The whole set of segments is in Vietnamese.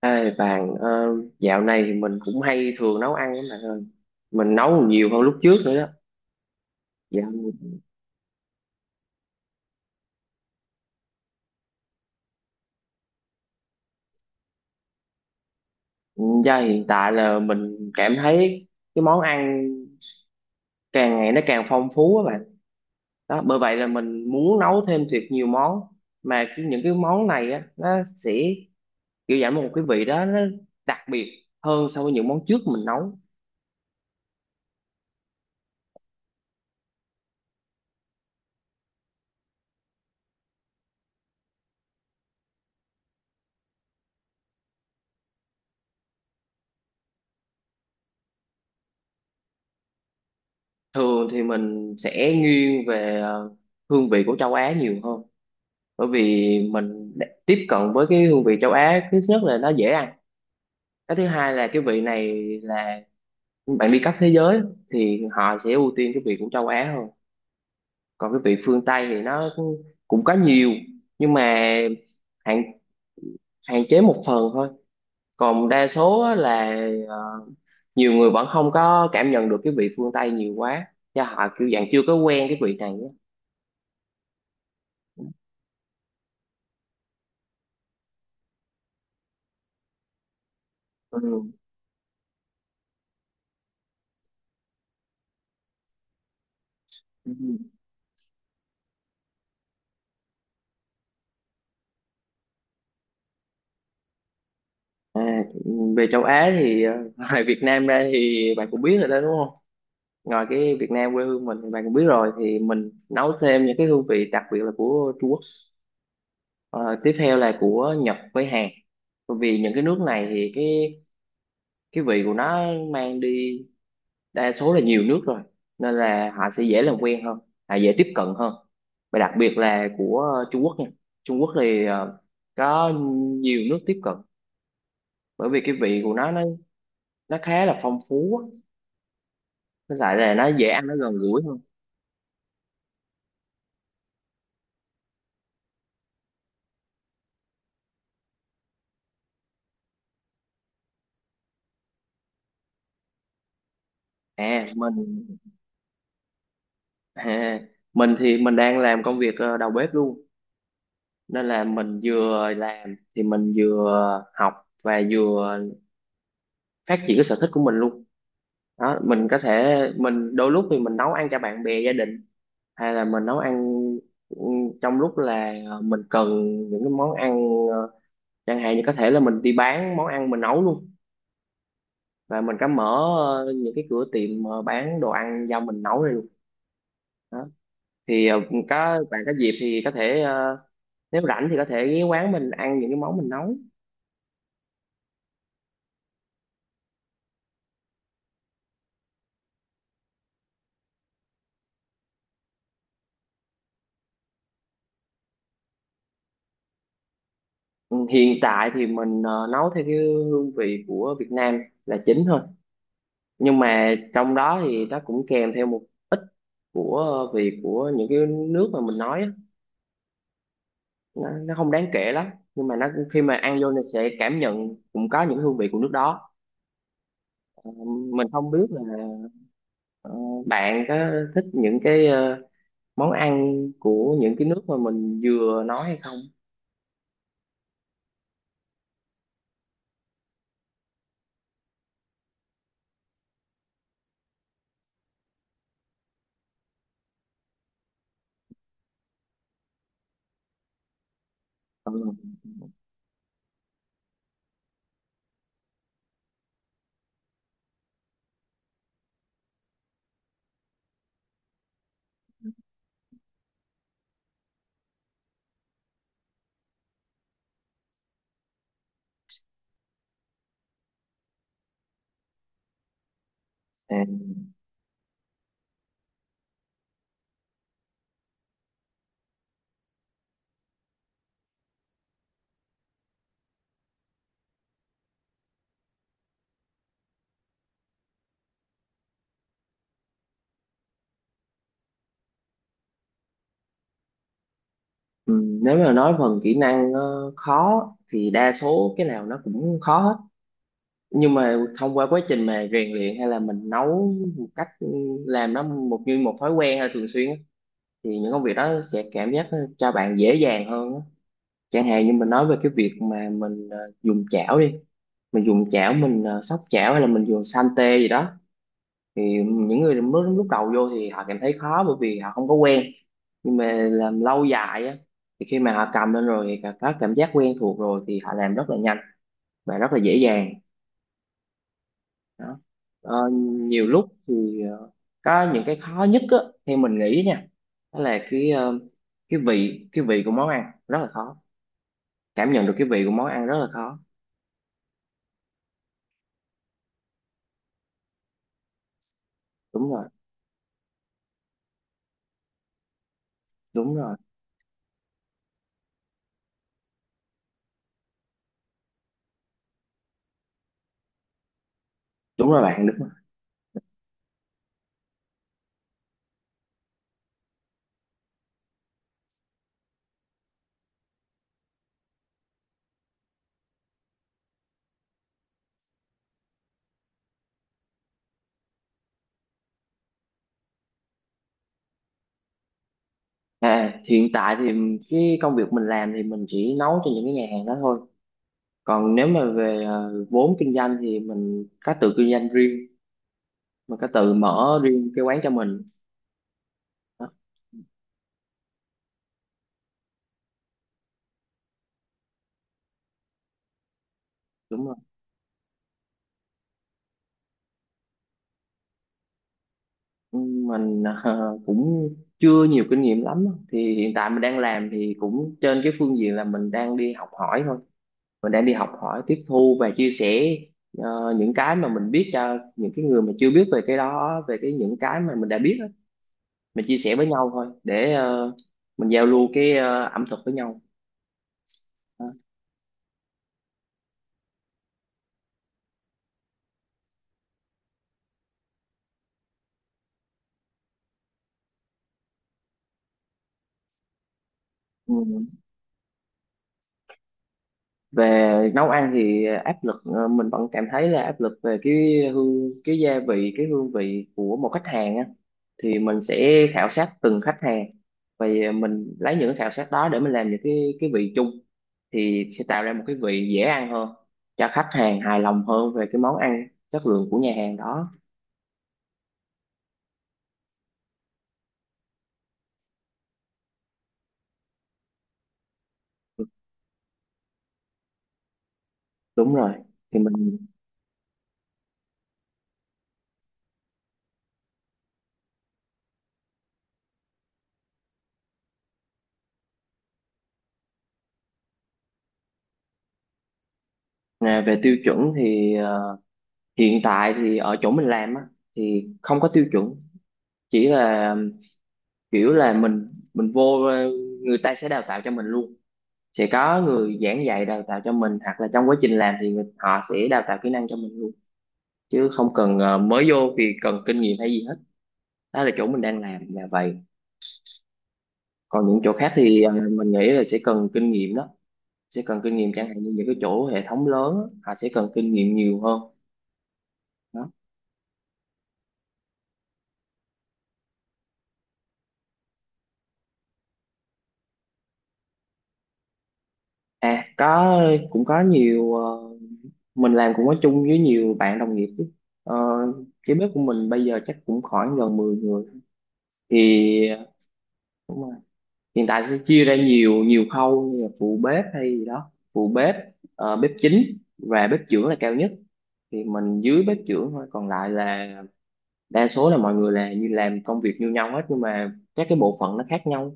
Ê bạn, dạo này thì mình cũng hay thường nấu ăn lắm bạn ơi, mình nấu nhiều hơn lúc trước nữa đó. Dạo giờ hiện tại là mình cảm thấy cái món ăn càng ngày nó càng phong phú á bạn. Đó bởi vậy là mình muốn nấu thêm thiệt nhiều món, mà những cái món này á nó sẽ kiểu giảm một cái vị đó, nó đặc biệt hơn so với những món trước mình nấu. Thường thì mình sẽ nghiêng về hương vị của châu Á nhiều hơn, bởi vì tiếp cận với cái hương vị châu Á, thứ nhất là nó dễ ăn, cái thứ hai là cái vị này là bạn đi khắp thế giới thì họ sẽ ưu tiên cái vị của châu Á hơn. Còn cái vị phương Tây thì nó cũng cũng có nhiều nhưng mà hạn hạn chế một phần thôi, còn đa số á là ờ, nhiều người vẫn không có cảm nhận được cái vị phương Tây nhiều quá, do họ kiểu dạng chưa có quen cái vị này á. Ừ. Ừ. À, về châu Á thì ngoài Việt Nam ra thì bạn cũng biết rồi đó đúng không, ngoài cái Việt Nam quê hương mình thì bạn cũng biết rồi, thì mình nấu thêm những cái hương vị đặc biệt là của Trung Quốc. Ờ, tiếp theo là của Nhật với Hàn, bởi vì những cái nước này thì cái vị của nó mang đi đa số là nhiều nước rồi, nên là họ sẽ dễ làm quen hơn, họ dễ tiếp cận hơn, và đặc biệt là của Trung Quốc nha. Trung Quốc thì có nhiều nước tiếp cận, bởi vì cái vị của nó nó khá là phong phú á, với lại là nó dễ ăn, nó gần gũi hơn. à mình À, mình thì mình đang làm công việc đầu bếp luôn, nên là mình vừa làm thì mình vừa học và vừa phát triển cái sở thích của mình luôn. Đó, mình có thể mình đôi lúc thì mình nấu ăn cho bạn bè gia đình, hay là mình nấu ăn, ừ, trong lúc là mình cần những cái món ăn, ờ, chẳng hạn như có thể là mình đi bán món ăn mình nấu luôn, và mình có mở những cái cửa tiệm bán đồ ăn do mình nấu ra luôn đó. Thì có bạn có dịp thì có thể, nếu rảnh thì có thể ghé quán mình ăn những cái món mình nấu. Ừ, hiện tại thì mình nấu theo cái hương vị của Việt Nam là chính thôi, nhưng mà trong đó thì nó cũng kèm theo một ít của vị của những cái nước mà mình nói á. Nó không đáng kể lắm, nhưng mà nó khi mà ăn vô thì sẽ cảm nhận cũng có những hương vị của nước đó. Ờ, mình không biết là ờ, bạn có thích những cái món ăn của những cái nước mà mình vừa nói hay không. Ừ. À. Ừ, nếu mà nói phần kỹ năng khó thì đa số cái nào nó cũng khó hết, nhưng mà thông qua quá trình mà rèn luyện, hay là mình nấu một cách làm nó một như một thói quen hay là thường xuyên á, thì những công việc đó sẽ cảm giác nó cho bạn dễ dàng hơn á. Chẳng hạn như mình nói về cái việc mà mình dùng chảo đi, mình dùng chảo, mình xóc chảo hay là mình dùng san tê gì đó, thì những người mới lúc đầu vô thì họ cảm thấy khó bởi vì họ không có quen, nhưng mà làm lâu dài á thì khi mà họ cầm lên rồi thì có cảm giác quen thuộc rồi thì họ làm rất là nhanh và rất là dễ dàng đó. ờ, Nhiều lúc thì có những cái khó nhất á, theo mình nghĩ nha, đó là cái cái vị của món ăn rất là khó, cảm nhận được cái vị của món ăn rất là khó. Đúng rồi, đúng rồi. Đúng rồi bạn, đúng rồi. À hiện tại thì cái công việc mình làm thì mình chỉ nấu cho những cái nhà hàng đó thôi, còn nếu mà về vốn kinh doanh thì mình có tự kinh doanh riêng, mình có tự mở riêng cái quán cho mình đó, đúng rồi. Ừ, mình cũng chưa nhiều kinh nghiệm lắm á. Thì hiện tại mình đang làm thì cũng trên cái phương diện là mình đang đi học hỏi thôi, mình đang đi học hỏi, tiếp thu và chia sẻ những cái mà mình biết cho những cái người mà chưa biết về cái đó, về cái những cái mà mình đã biết á. Mình chia sẻ với nhau thôi để mình giao lưu cái ẩm thực với nhau. Đó. Ừ. Về nấu ăn thì áp lực, mình vẫn cảm thấy là áp lực về cái hương, cái gia vị, cái hương vị của một khách hàng á, thì mình sẽ khảo sát từng khách hàng, và mình lấy những cái khảo sát đó để mình làm những cái vị chung, thì sẽ tạo ra một cái vị dễ ăn hơn, cho khách hàng hài lòng hơn về cái món ăn chất lượng của nhà hàng đó. Đúng rồi. Thì mình à, về tiêu chuẩn thì hiện tại thì ở chỗ mình làm á thì không có tiêu chuẩn, chỉ là kiểu là mình vô, người ta sẽ đào tạo cho mình luôn, sẽ có người giảng dạy đào tạo cho mình, hoặc là trong quá trình làm thì họ sẽ đào tạo kỹ năng cho mình luôn, chứ không cần mới vô vì cần kinh nghiệm hay gì hết, đó là chỗ mình đang làm là vậy. Còn những chỗ khác thì mình nghĩ là sẽ cần kinh nghiệm đó, sẽ cần kinh nghiệm, chẳng hạn như những cái chỗ hệ thống lớn á, họ sẽ cần kinh nghiệm nhiều hơn đó. À có, cũng có nhiều, mình làm cũng có chung với nhiều bạn đồng nghiệp chứ. Ờ, cái bếp của mình bây giờ chắc cũng khoảng gần 10 người thì đúng rồi. Hiện tại sẽ chia ra nhiều nhiều khâu, như là phụ bếp hay gì đó, phụ bếp, bếp chính và bếp trưởng là cao nhất, thì mình dưới bếp trưởng thôi, còn lại là đa số là mọi người là như làm công việc như nhau hết, nhưng mà các cái bộ phận nó khác nhau.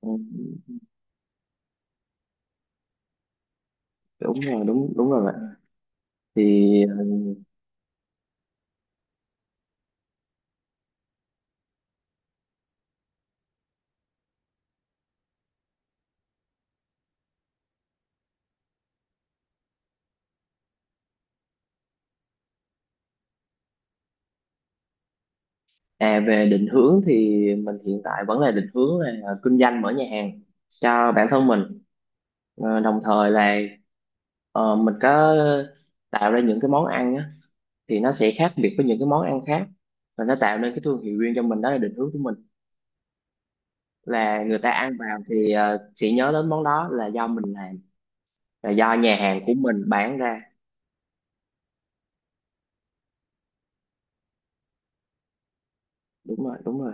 Ừ, đúng rồi, đúng đúng rồi bạn. Thì à, về định hướng thì mình hiện tại vẫn là định hướng là kinh doanh mở nhà hàng cho bản thân mình. Ờ, đồng thời là mình có tạo ra những cái món ăn á, thì nó sẽ khác biệt với những cái món ăn khác, và nó tạo nên cái thương hiệu riêng cho mình, đó là định hướng của mình, là người ta ăn vào thì sẽ nhớ đến món đó là do mình làm, là do nhà hàng của mình bán ra. Đúng rồi, đúng rồi.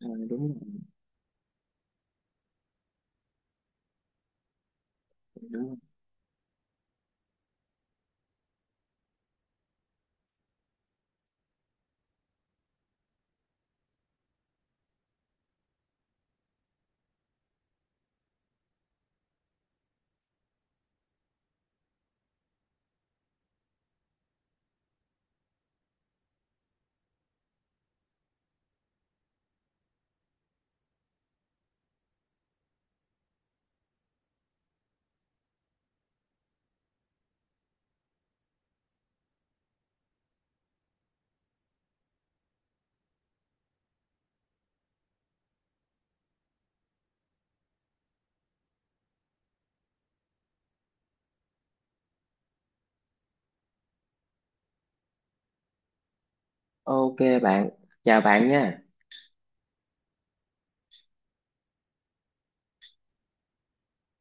Ờ, đúng rồi, đúng rồi. Ok bạn, chào bạn nha.